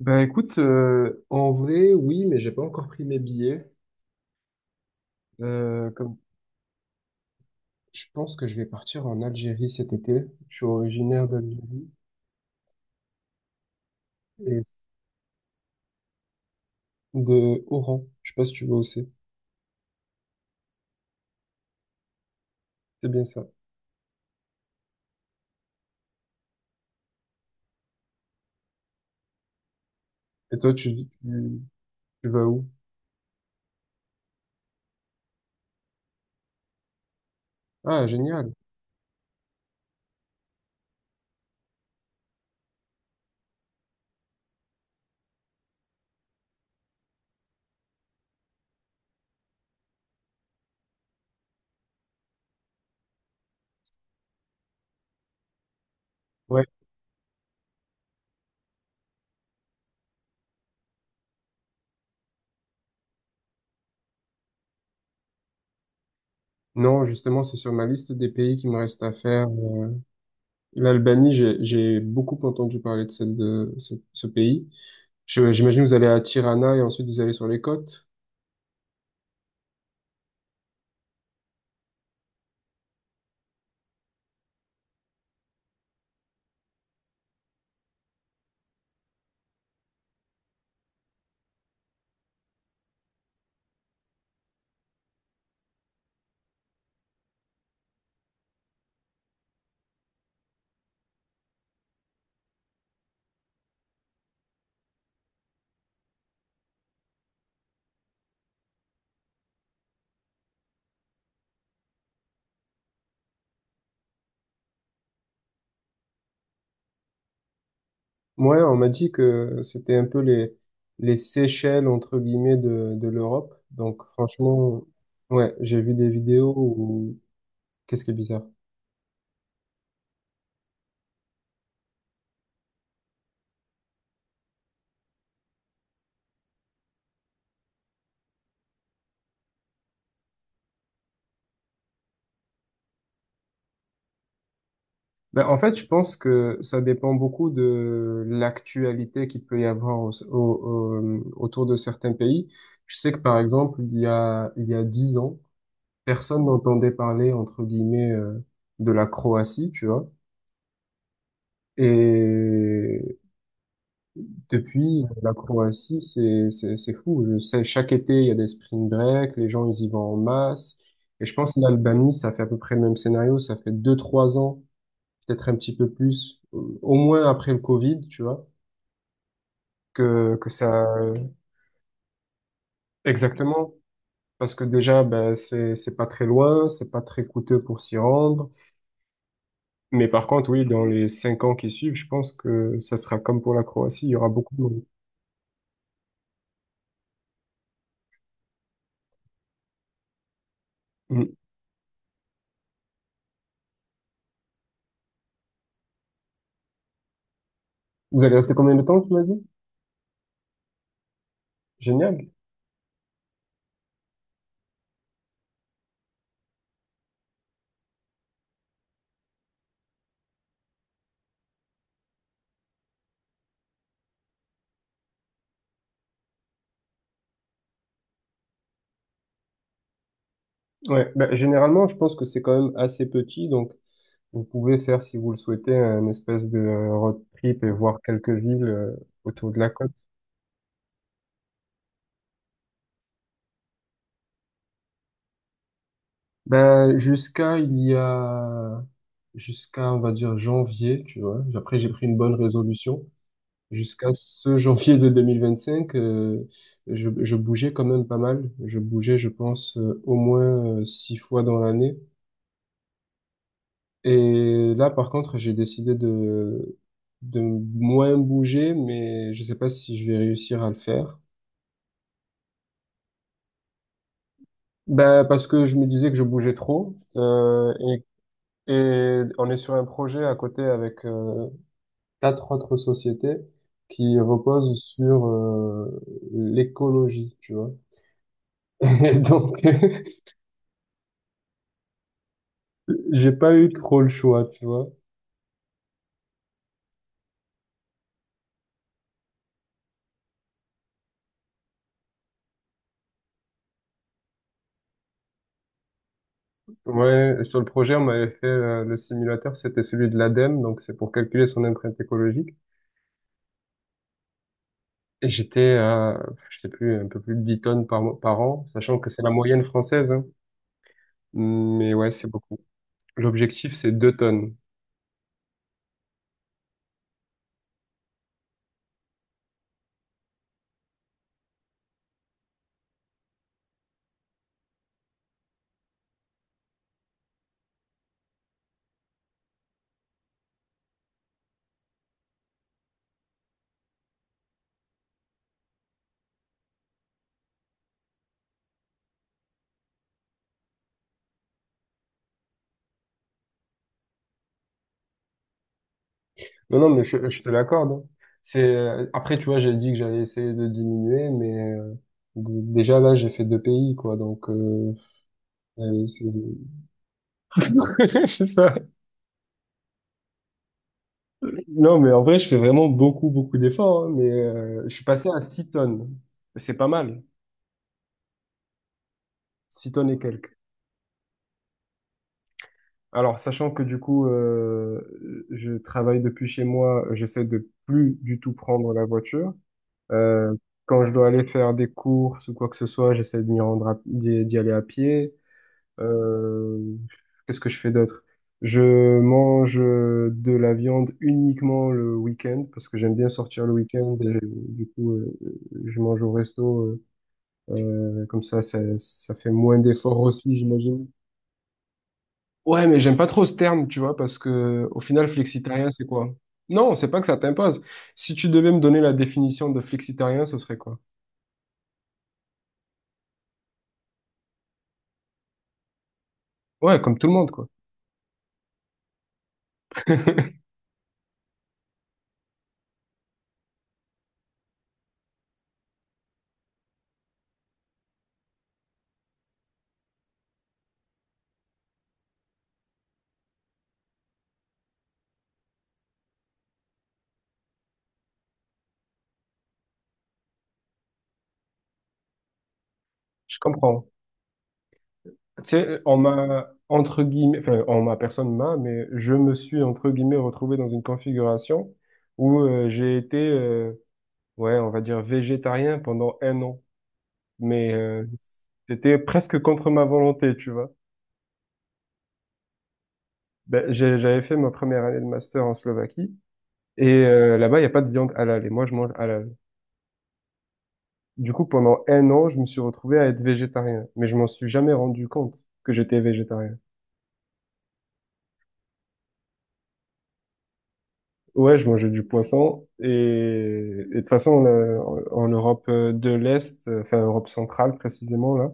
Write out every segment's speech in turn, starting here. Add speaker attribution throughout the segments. Speaker 1: Bah écoute, en vrai, oui, mais j'ai pas encore pris mes billets. Comme Je pense que je vais partir en Algérie cet été. Je suis originaire d'Algérie et de Oran. Je sais pas si tu vas où c'est. C'est bien ça. Et toi, tu, tu vas où? Ah, génial. Ouais. Non, justement, c'est sur ma liste des pays qui me reste à faire. L'Albanie, j'ai beaucoup entendu parler de ce pays. J'imagine vous allez à Tirana et ensuite vous allez sur les côtes. Ouais, on m'a dit que c'était un peu les Seychelles, entre guillemets, de l'Europe. Donc, franchement, ouais, j'ai vu des vidéos où… Qu'est-ce qui est bizarre? Ben, en fait, je pense que ça dépend beaucoup de l'actualité qu'il peut y avoir autour de certains pays. Je sais que, par exemple, il y a 10 ans, personne n'entendait parler, entre guillemets, de la Croatie, tu vois. Et depuis, la Croatie, c'est fou. Je sais, chaque été, il y a des spring break, les gens, ils y vont en masse. Et je pense que l'Albanie, ça fait à peu près le même scénario. Ça fait deux, trois ans, peut-être un petit peu plus, au moins après le Covid, tu vois, que ça, exactement. Parce que déjà, ben, c'est pas très loin, c'est pas très coûteux pour s'y rendre. Mais par contre, oui, dans les 5 ans qui suivent, je pense que ça sera comme pour la Croatie, il y aura beaucoup de monde. Mm. Vous allez rester combien de temps, tu m'as dit? Génial. Ouais. Bah, généralement, je pense que c'est quand même assez petit, donc vous pouvez faire, si vous le souhaitez, un espèce de road trip et voir quelques villes autour de la côte. Ben jusqu'à il y a, jusqu'à, on va dire, janvier, tu vois. Après, j'ai pris une bonne résolution. Jusqu'à ce janvier de 2025, je bougeais quand même pas mal. Je bougeais, je pense, au moins six fois dans l'année. Et là, par contre, j'ai décidé de moins bouger, mais je sais pas si je vais réussir à le faire. Ben, parce que je me disais que je bougeais trop. Et on est sur un projet à côté avec quatre autres sociétés qui reposent sur l'écologie, tu vois. Et donc, j'ai pas eu trop le choix, tu vois. Ouais, sur le projet, on m'avait fait le simulateur, c'était celui de l'ADEME, donc c'est pour calculer son empreinte écologique. Et j'étais à, je sais plus, un peu plus de 10 tonnes par an, sachant que c'est la moyenne française, hein. Mais ouais, c'est beaucoup. L'objectif, c'est 2 tonnes. Non, non, mais je te l'accorde, hein. Après, tu vois, j'ai dit que j'allais essayer de diminuer, mais déjà là, j'ai fait deux pays, quoi. Donc c'est C'est ça. Non, mais en vrai, je fais vraiment beaucoup, beaucoup d'efforts, hein, mais je suis passé à 6 tonnes. C'est pas mal, 6 tonnes et quelques. Alors, sachant que du coup, je travaille depuis chez moi, j'essaie de plus du tout prendre la voiture. Euh, Quand je dois aller faire des courses ou quoi que ce soit, j'essaie de m'y rendre d'y aller à pied. Euh, Qu'est-ce que je fais d'autre? Je mange de la viande uniquement le week-end parce que j'aime bien sortir le week-end. Et, du coup, je mange au resto. Comme ça, ça fait moins d'efforts aussi, j'imagine. Ouais, mais j'aime pas trop ce terme, tu vois, parce que au final, flexitarien, c'est quoi? Non, c'est pas que ça t'impose. Si tu devais me donner la définition de flexitarien, ce serait quoi? Ouais, comme tout le monde, quoi. Je comprends. Tu sais, on m'a, entre guillemets, enfin, on m'a, personne m'a, mais je me suis, entre guillemets, retrouvé dans une configuration où j'ai été, ouais, on va dire, végétarien pendant un an. Mais c'était presque contre ma volonté, tu vois. Ben, j'avais fait ma première année de master en Slovaquie et là-bas, il n'y a pas de viande halal et moi, je mange halal. Du coup, pendant un an, je me suis retrouvé à être végétarien, mais je m'en suis jamais rendu compte que j'étais végétarien. Ouais, je mangeais du poisson et de toute façon en Europe de l'Est, enfin Europe centrale précisément là,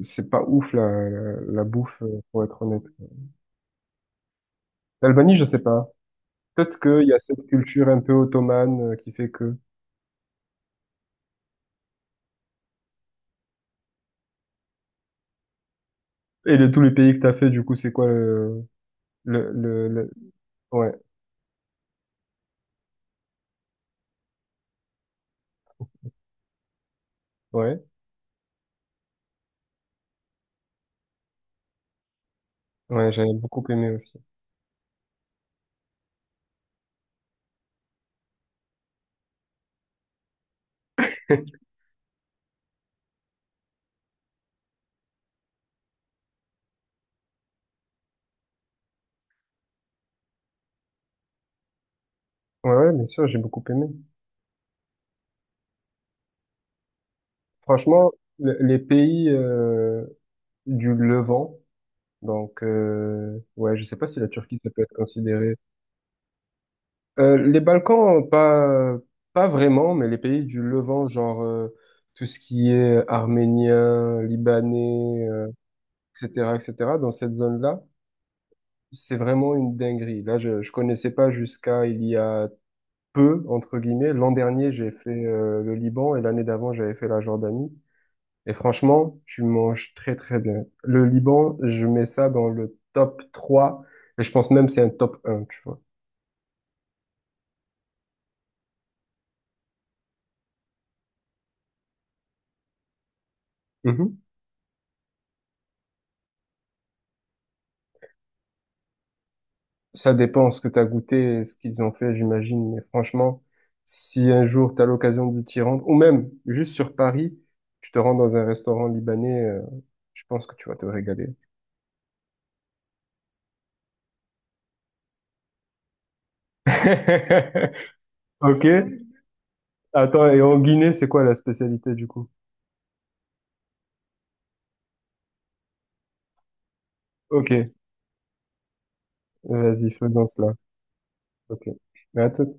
Speaker 1: c'est pas ouf la bouffe pour être honnête. L'Albanie, je sais pas. Peut-être qu'il y a cette culture un peu ottomane qui fait que et de tous les pays que t'as fait, du coup c'est quoi le le? Ouais, ouais, ouais, j'avais beaucoup aimé aussi. Ouais, ouais, bien sûr, j'ai beaucoup aimé. Franchement, les pays du Levant. Donc, ouais, je sais pas si la Turquie, ça peut être considéré. Les Balkans, pas vraiment, mais les pays du Levant, genre tout ce qui est arménien, libanais, etc., etc., dans cette zone-là, c'est vraiment une dinguerie. Là, je connaissais pas jusqu'à il y a peu, entre guillemets. L'an dernier, j'ai fait le Liban et l'année d'avant, j'avais fait la Jordanie. Et franchement, tu manges très très bien. Le Liban, je mets ça dans le top 3, et je pense même c'est un top un, tu vois. Mhm. Ça dépend ce que tu as goûté, et ce qu'ils ont fait, j'imagine. Mais franchement, si un jour tu as l'occasion de t'y rendre, ou même juste sur Paris, tu te rends dans un restaurant libanais, je pense que tu vas te régaler. Ok. Attends, et en Guinée, c'est quoi la spécialité du coup? Ok, vas-y, faisons cela. Ok. À tout.